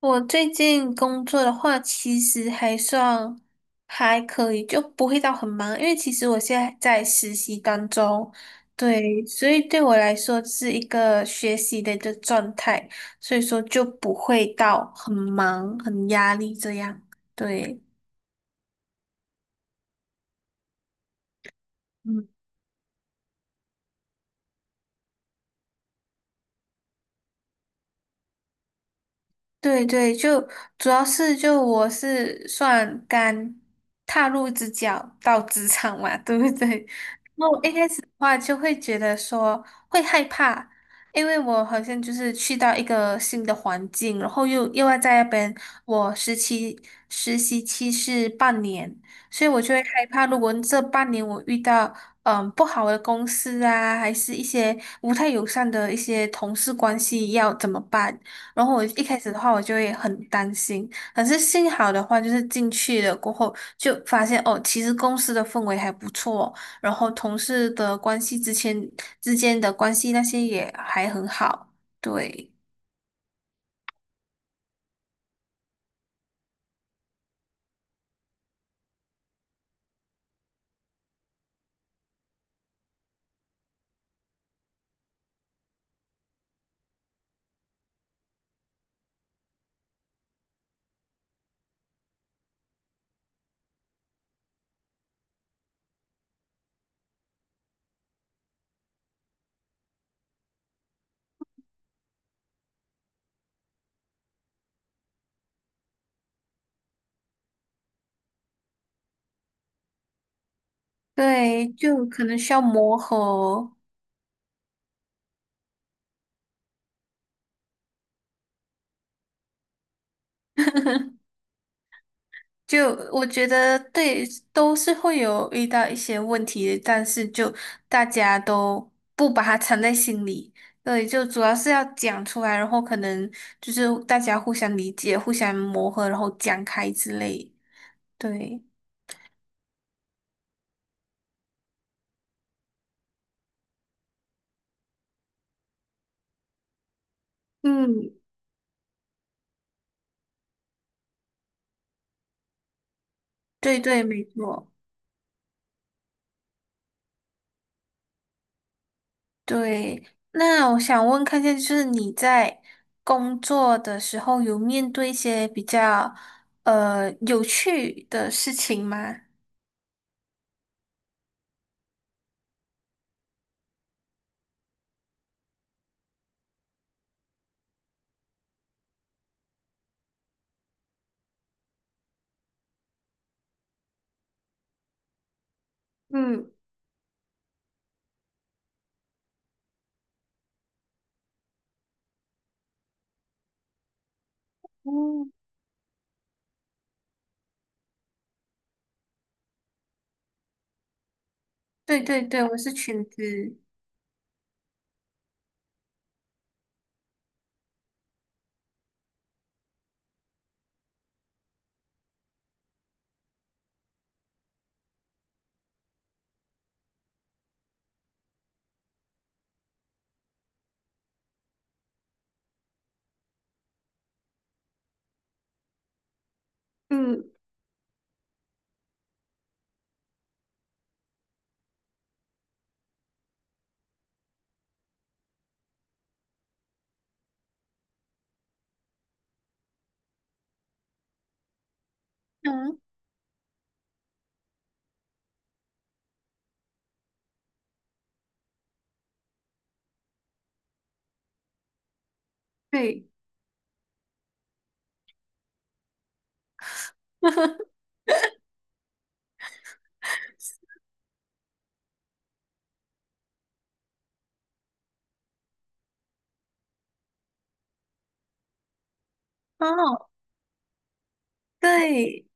我最近工作的话，其实还算还可以，就不会到很忙，因为其实我现在在实习当中，对，所以对我来说是一个学习的一个状态，所以说就不会到很忙、很压力这样，对。嗯，对对，就主要是就我是算刚踏入职角到职场嘛，对不对？话，就会觉得说会害怕，因为我好像就是去到一个新的环境，然后又要在那边，我实习期是半年，所以我就会害怕，如果这半年我遇到不好的公司啊，还是一些不太友善的一些同事关系，要怎么办？然后我一开始的话，我就会很担心。可是幸好的话，就是进去了过后，就发现哦，其实公司的氛围还不错，然后同事的关系之间的关系那些也还很好，对对，就可能需要磨合。就我觉得对，都是会有遇到一些问题的，但是就大家都不把它藏在心里，对，就主要是要讲出来，然后可能就是大家互相理解、互相磨合，然后讲开之类，对，嗯，对对，没错。对，那我想问看一下，就是你在工作的时候有面对一些比较有趣的事情吗？嗯嗯，对对对，我是裙子，嗯，嗯，对哦，对，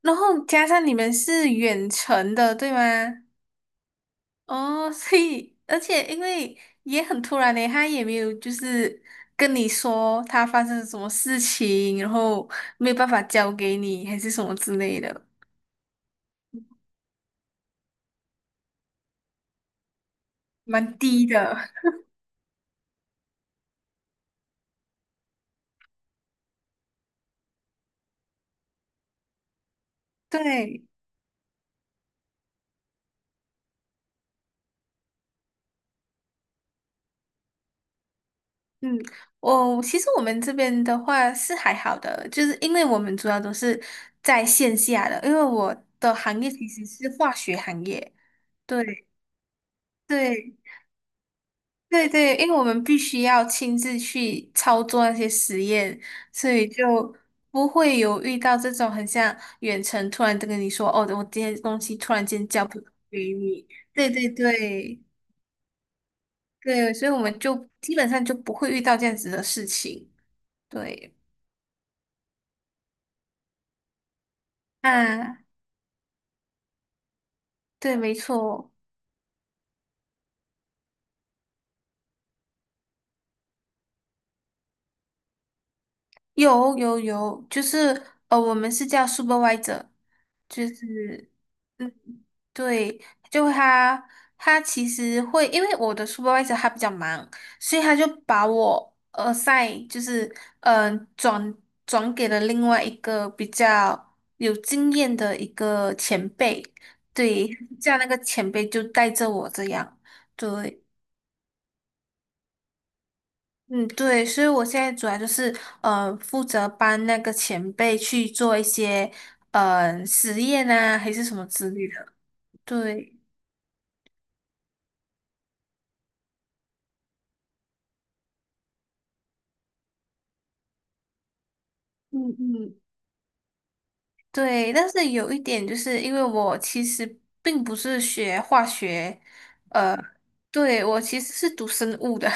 然后加上你们是远程的，对吗？哦，所以而且因为也很突然嘞，他也没有就是跟你说他发生什么事情，然后没有办法交给你，还是什么之类的，蛮低的。对，嗯，我、其实我们这边的话是还好的，就是因为我们主要都是在线下的，因为我的行业其实是化学行业，对对，对对，因为我们必须要亲自去操作那些实验，所以就不会有遇到这种很像远程突然跟你说，哦，我今天东西突然间交不给你。对对对对，所以我们就基本上就不会遇到这样子的事情。对，啊，对，没错，有有有，就是我们是叫 supervisor，就是。嗯对，就他，他其实会，因为我的 supervisor 他比较忙，所以他就把我 assign 就是嗯、呃转转给了另外一个比较有经验的一个前辈，对，这样那个前辈就带着我这样，对，嗯对，所以我现在主要就是负责帮那个前辈去做一些实验啊还是什么之类的，对。嗯嗯，对，但是有一点就是因为我其实并不是学化学，呃，对，我其实是读生物的。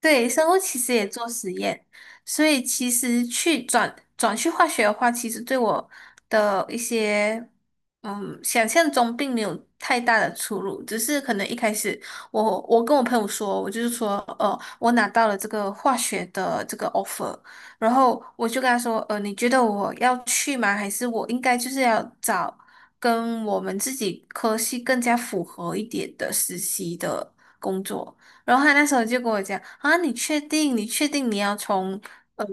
对，生物其实也做实验，所以其实去转去化学的话，其实对我的一些想象中并没有太大的出入，只是可能一开始我跟我朋友说，我就是说，我拿到了这个化学的这个 offer，然后我就跟他说，你觉得我要去吗？还是我应该就是要找跟我们自己科系更加符合一点的实习的工作？然后他那时候就跟我讲啊，你确定？你确定你要从呃，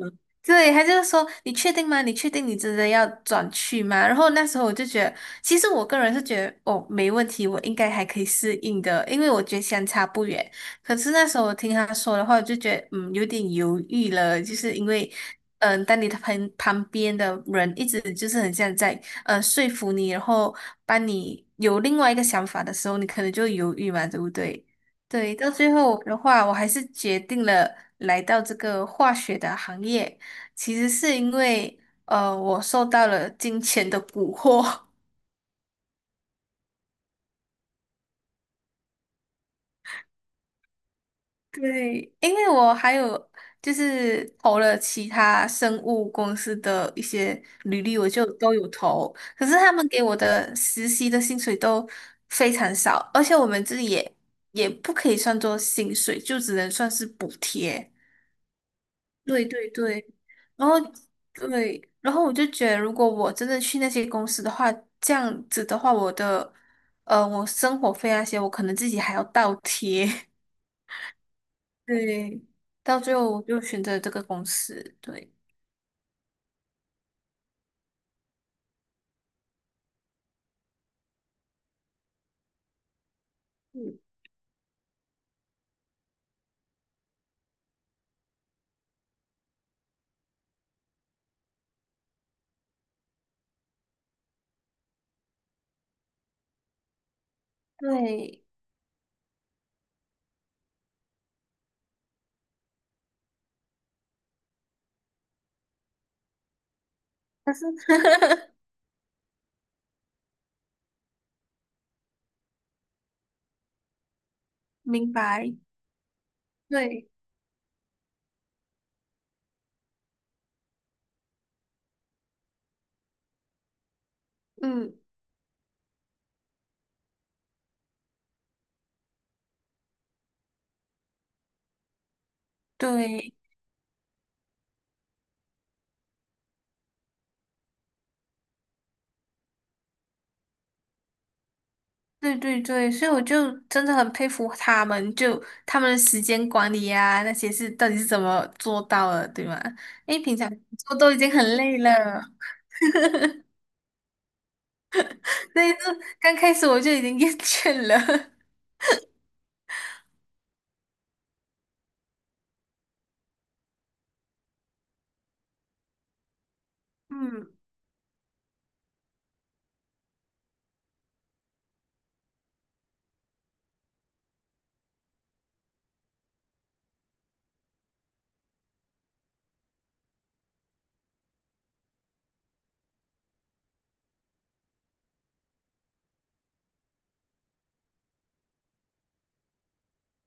对，他就是说你确定吗？你确定你真的要转去吗？然后那时候我就觉得，其实我个人是觉得哦，没问题，我应该还可以适应的，因为我觉得相差不远。可是那时候我听他说的话，我就觉得嗯，有点犹豫了，就是因为。嗯，当你的旁边的人一直就是很像在说服你，然后帮你有另外一个想法的时候，你可能就犹豫嘛，对不对？对，到最后的话，我还是决定了来到这个化学的行业。其实是因为，我受到了金钱的蛊惑。对，因为我还有就是投了其他生物公司的一些履历，我就都有投。可是他们给我的实习的薪水都非常少，而且我们这里也也不可以算作薪水，就只能算是补贴。对对对，然后对，然后我就觉得，如果我真的去那些公司的话，这样子的话，我的我生活费那些，我可能自己还要倒贴。对，到最后我就选择这个公司。对，嗯，对，但是 明白，对，嗯，对。对对对，所以我就真的很佩服他们，就他们的时间管理呀那些是到底是怎么做到的，对吗？因为平常做都已经很累了，所以就刚开始我就已经厌倦了。嗯，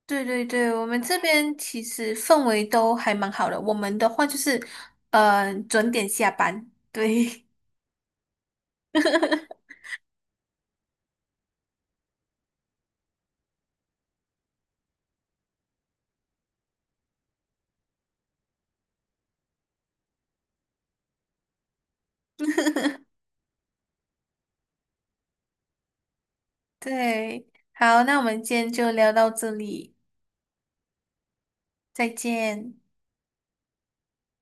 对对对，我们这边其实氛围都还蛮好的，我们的话就是，准点下班，对 对，好，那我们今天就聊到这里，再见。